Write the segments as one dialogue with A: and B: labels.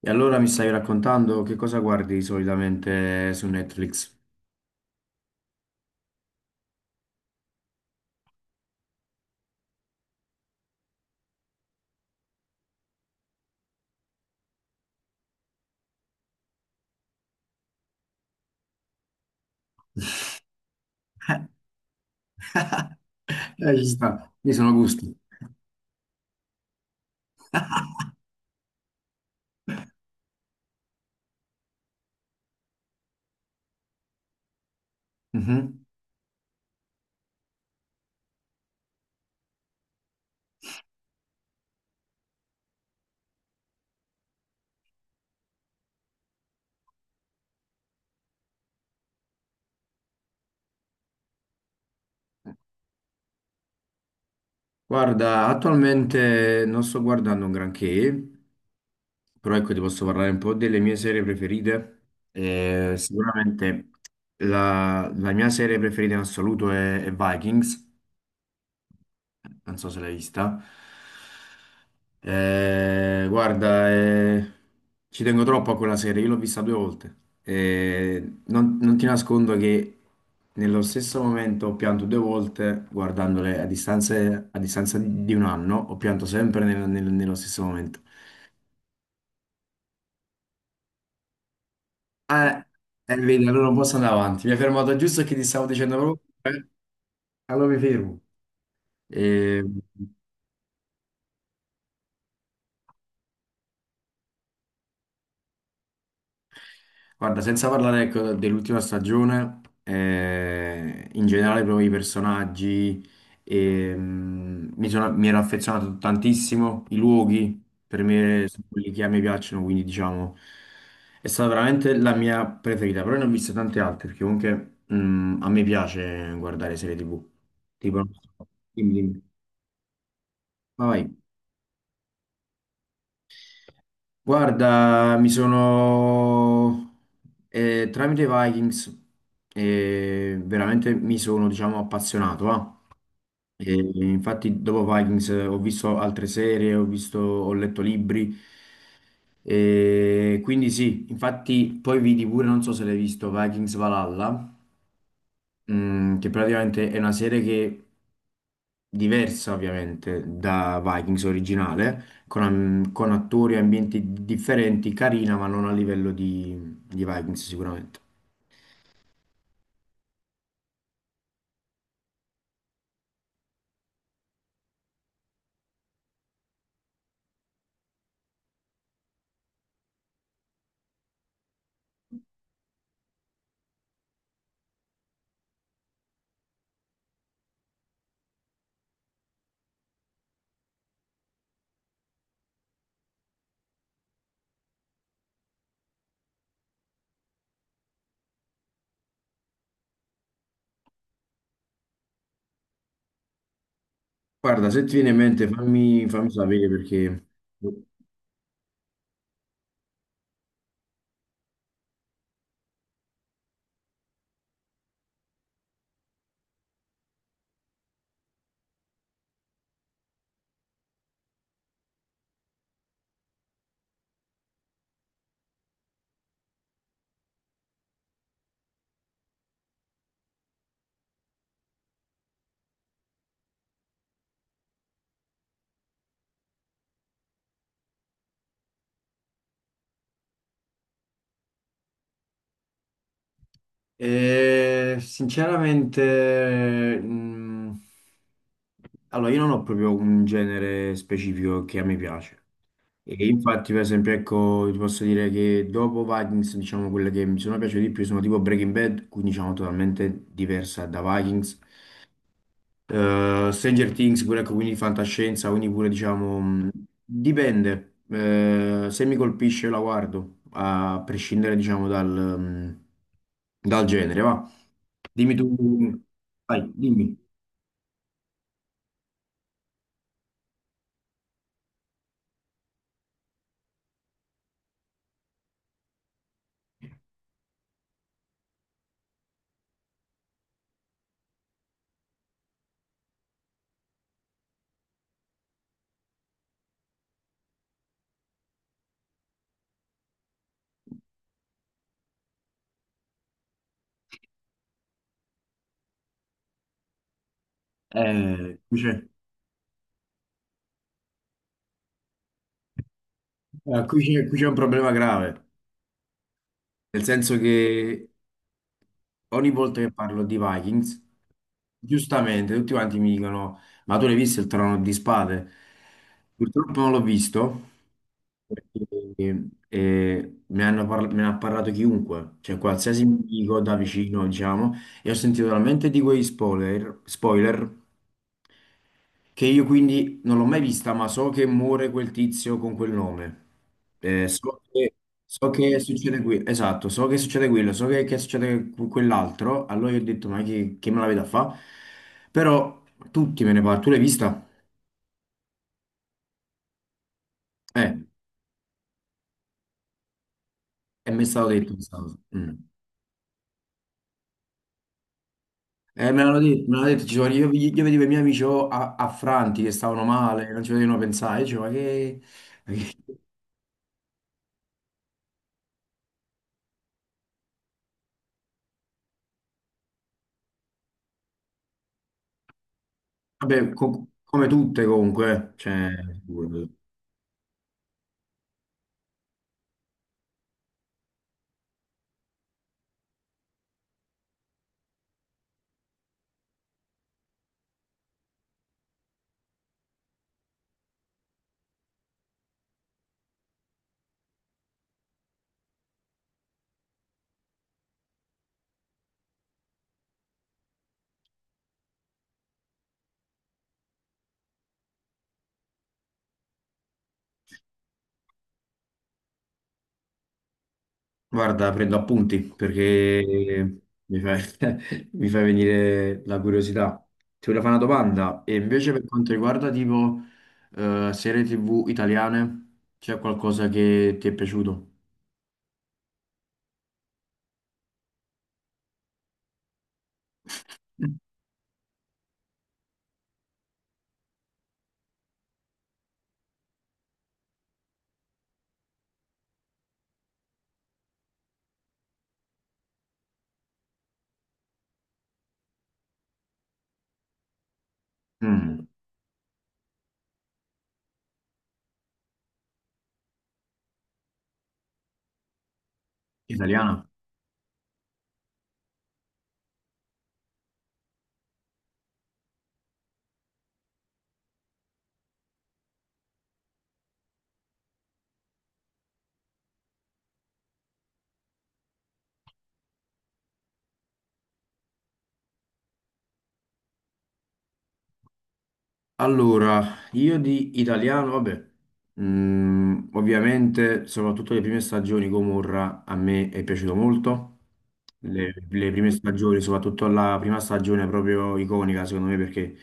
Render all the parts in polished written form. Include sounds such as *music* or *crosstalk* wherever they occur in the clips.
A: E allora mi stai raccontando che cosa guardi solitamente su Netflix? *laughs* Ci sta, mi sono gusti. Mhm. Guarda, attualmente non sto guardando un granché, però ecco ti posso parlare un po' delle mie serie preferite. Sicuramente la mia serie preferita in assoluto è Vikings, non so se l'hai vista. Eh, guarda, eh, Ci tengo troppo a quella serie, io l'ho vista due volte. Non ti nascondo che nello stesso momento ho pianto due volte a distanza di un anno, ho pianto sempre nello stesso momento. Eh, Vedi, allora non posso andare avanti. Mi hai fermato giusto che ti stavo dicendo proprio, allora mi fermo. Eh, Guarda, senza parlare ecco, dell'ultima stagione, in generale proprio i personaggi, mi ero affezionato tantissimo, i luoghi per me sono quelli che a me piacciono, quindi diciamo è stata veramente la mia preferita, però ne ho viste tante altre, perché comunque a me piace guardare serie TV. Tipo, dimmi, dimmi. Vai, vai. Guarda, mi sono tramite Vikings, veramente mi sono, diciamo, appazionato, va. E infatti dopo Vikings, ho visto altre serie, ho visto, ho letto libri e quindi sì, infatti poi vidi pure, non so se l'hai visto, Vikings Valhalla, che praticamente è una serie che diversa ovviamente da Vikings originale, con attori e ambienti differenti, carina ma non a livello di Vikings sicuramente. Guarda, se ti viene in mente fammi, fammi sapere perché... Eh, sinceramente, mm, allora io non ho proprio un genere specifico che a me piace. E infatti, per esempio, ecco, ti posso dire che dopo Vikings, diciamo, quelle che mi sono piaciute di più sono tipo Breaking Bad, quindi diciamo totalmente diversa da Vikings. Stranger Things, pure ecco, quindi fantascienza, quindi pure diciamo, dipende. Se mi colpisce io la guardo, a prescindere diciamo dal, dal genere, va. Dimmi tu, vai, dimmi. Eh, qui c'è qui c'è un problema grave. Nel senso che ogni volta che parlo di Vikings, giustamente tutti quanti mi dicono: Ma tu l'hai visto il Trono di Spade? Purtroppo non l'ho visto perché me ne ha parlato chiunque, cioè qualsiasi amico da vicino, diciamo, e ho sentito talmente di quei spoiler, spoiler che io quindi non l'ho mai vista, ma so che muore quel tizio con quel nome. Eh, so che, so che succede qui, esatto, so che succede quello, che succede quell'altro. Allora io ho detto, ma che me la vedo a fa? Però tutti me ne parlano. Tu l'hai vista? Eh, e mi è stato detto questa cosa. Mm. Me l'hanno detto, me l'hanno detto, io vedevo i miei amici oh, affranti che stavano male, non ci potevano pensare, dicevo, ma che-" Vabbè, come tutte comunque, eh. Cioè... Guarda, prendo appunti perché mi fai, *laughs* mi fai venire la curiosità. Ti volevo fare una domanda. E invece per quanto riguarda tipo serie TV italiane, c'è qualcosa che ti è piaciuto? Mm, italiana? Allora, io di italiano, vabbè, ovviamente soprattutto le prime stagioni Gomorra a me è piaciuto molto, le prime stagioni, soprattutto la prima stagione è proprio iconica secondo me perché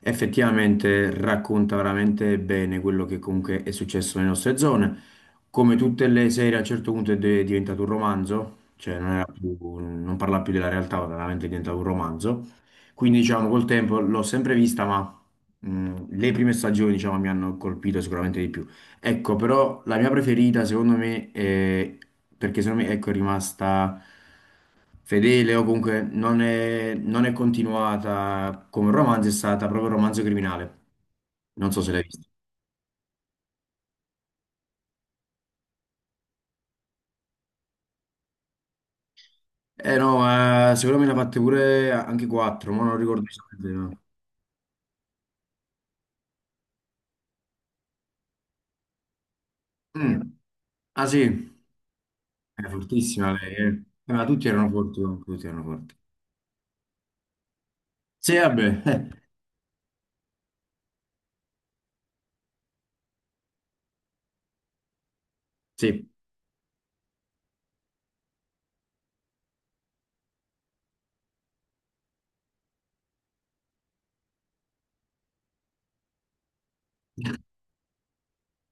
A: effettivamente racconta veramente bene quello che comunque è successo nelle nostre zone, come tutte le serie a un certo punto è diventato un romanzo, cioè non parla più della realtà, ma veramente è diventato un romanzo. Quindi diciamo col tempo l'ho sempre vista, ma le prime stagioni diciamo, mi hanno colpito sicuramente di più. Ecco, però la mia preferita secondo me è perché secondo me ecco, è rimasta fedele o comunque non è continuata come romanzo, è stata proprio Romanzo Criminale. Non so se l'hai vista. Eh no, secondo me ne ha fatte pure anche quattro, ma non ricordo esattamente. No. Mm. Ah sì, è fortissima lei, eh. Ma tutti erano forti, comunque, tutti erano forti. Sì, vabbè, eh, sì.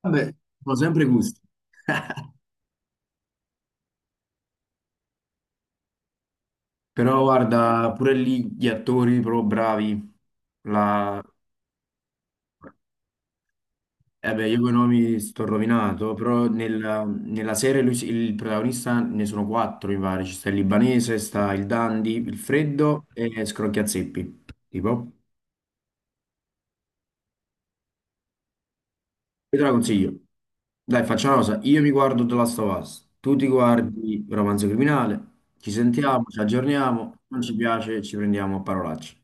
A: Vabbè, sono sempre gusti. *laughs* Però guarda, pure lì gli attori proprio bravi. La... Eh, beh, io con i nomi sto rovinato, però nella serie il protagonista ne sono quattro, mi pare. Ci sta il libanese, sta il Dandy, il Freddo e Scrocchiazeppi. Tipo. Io te la consiglio. Dai, facciamo una cosa. Io mi guardo The Last of Us, tu ti guardi Romanzo Criminale, ci Mm. sentiamo, ci aggiorniamo, non ci piace, ci prendiamo a parolacce.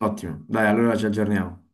A: Ottimo. Dai, allora ci aggiorniamo.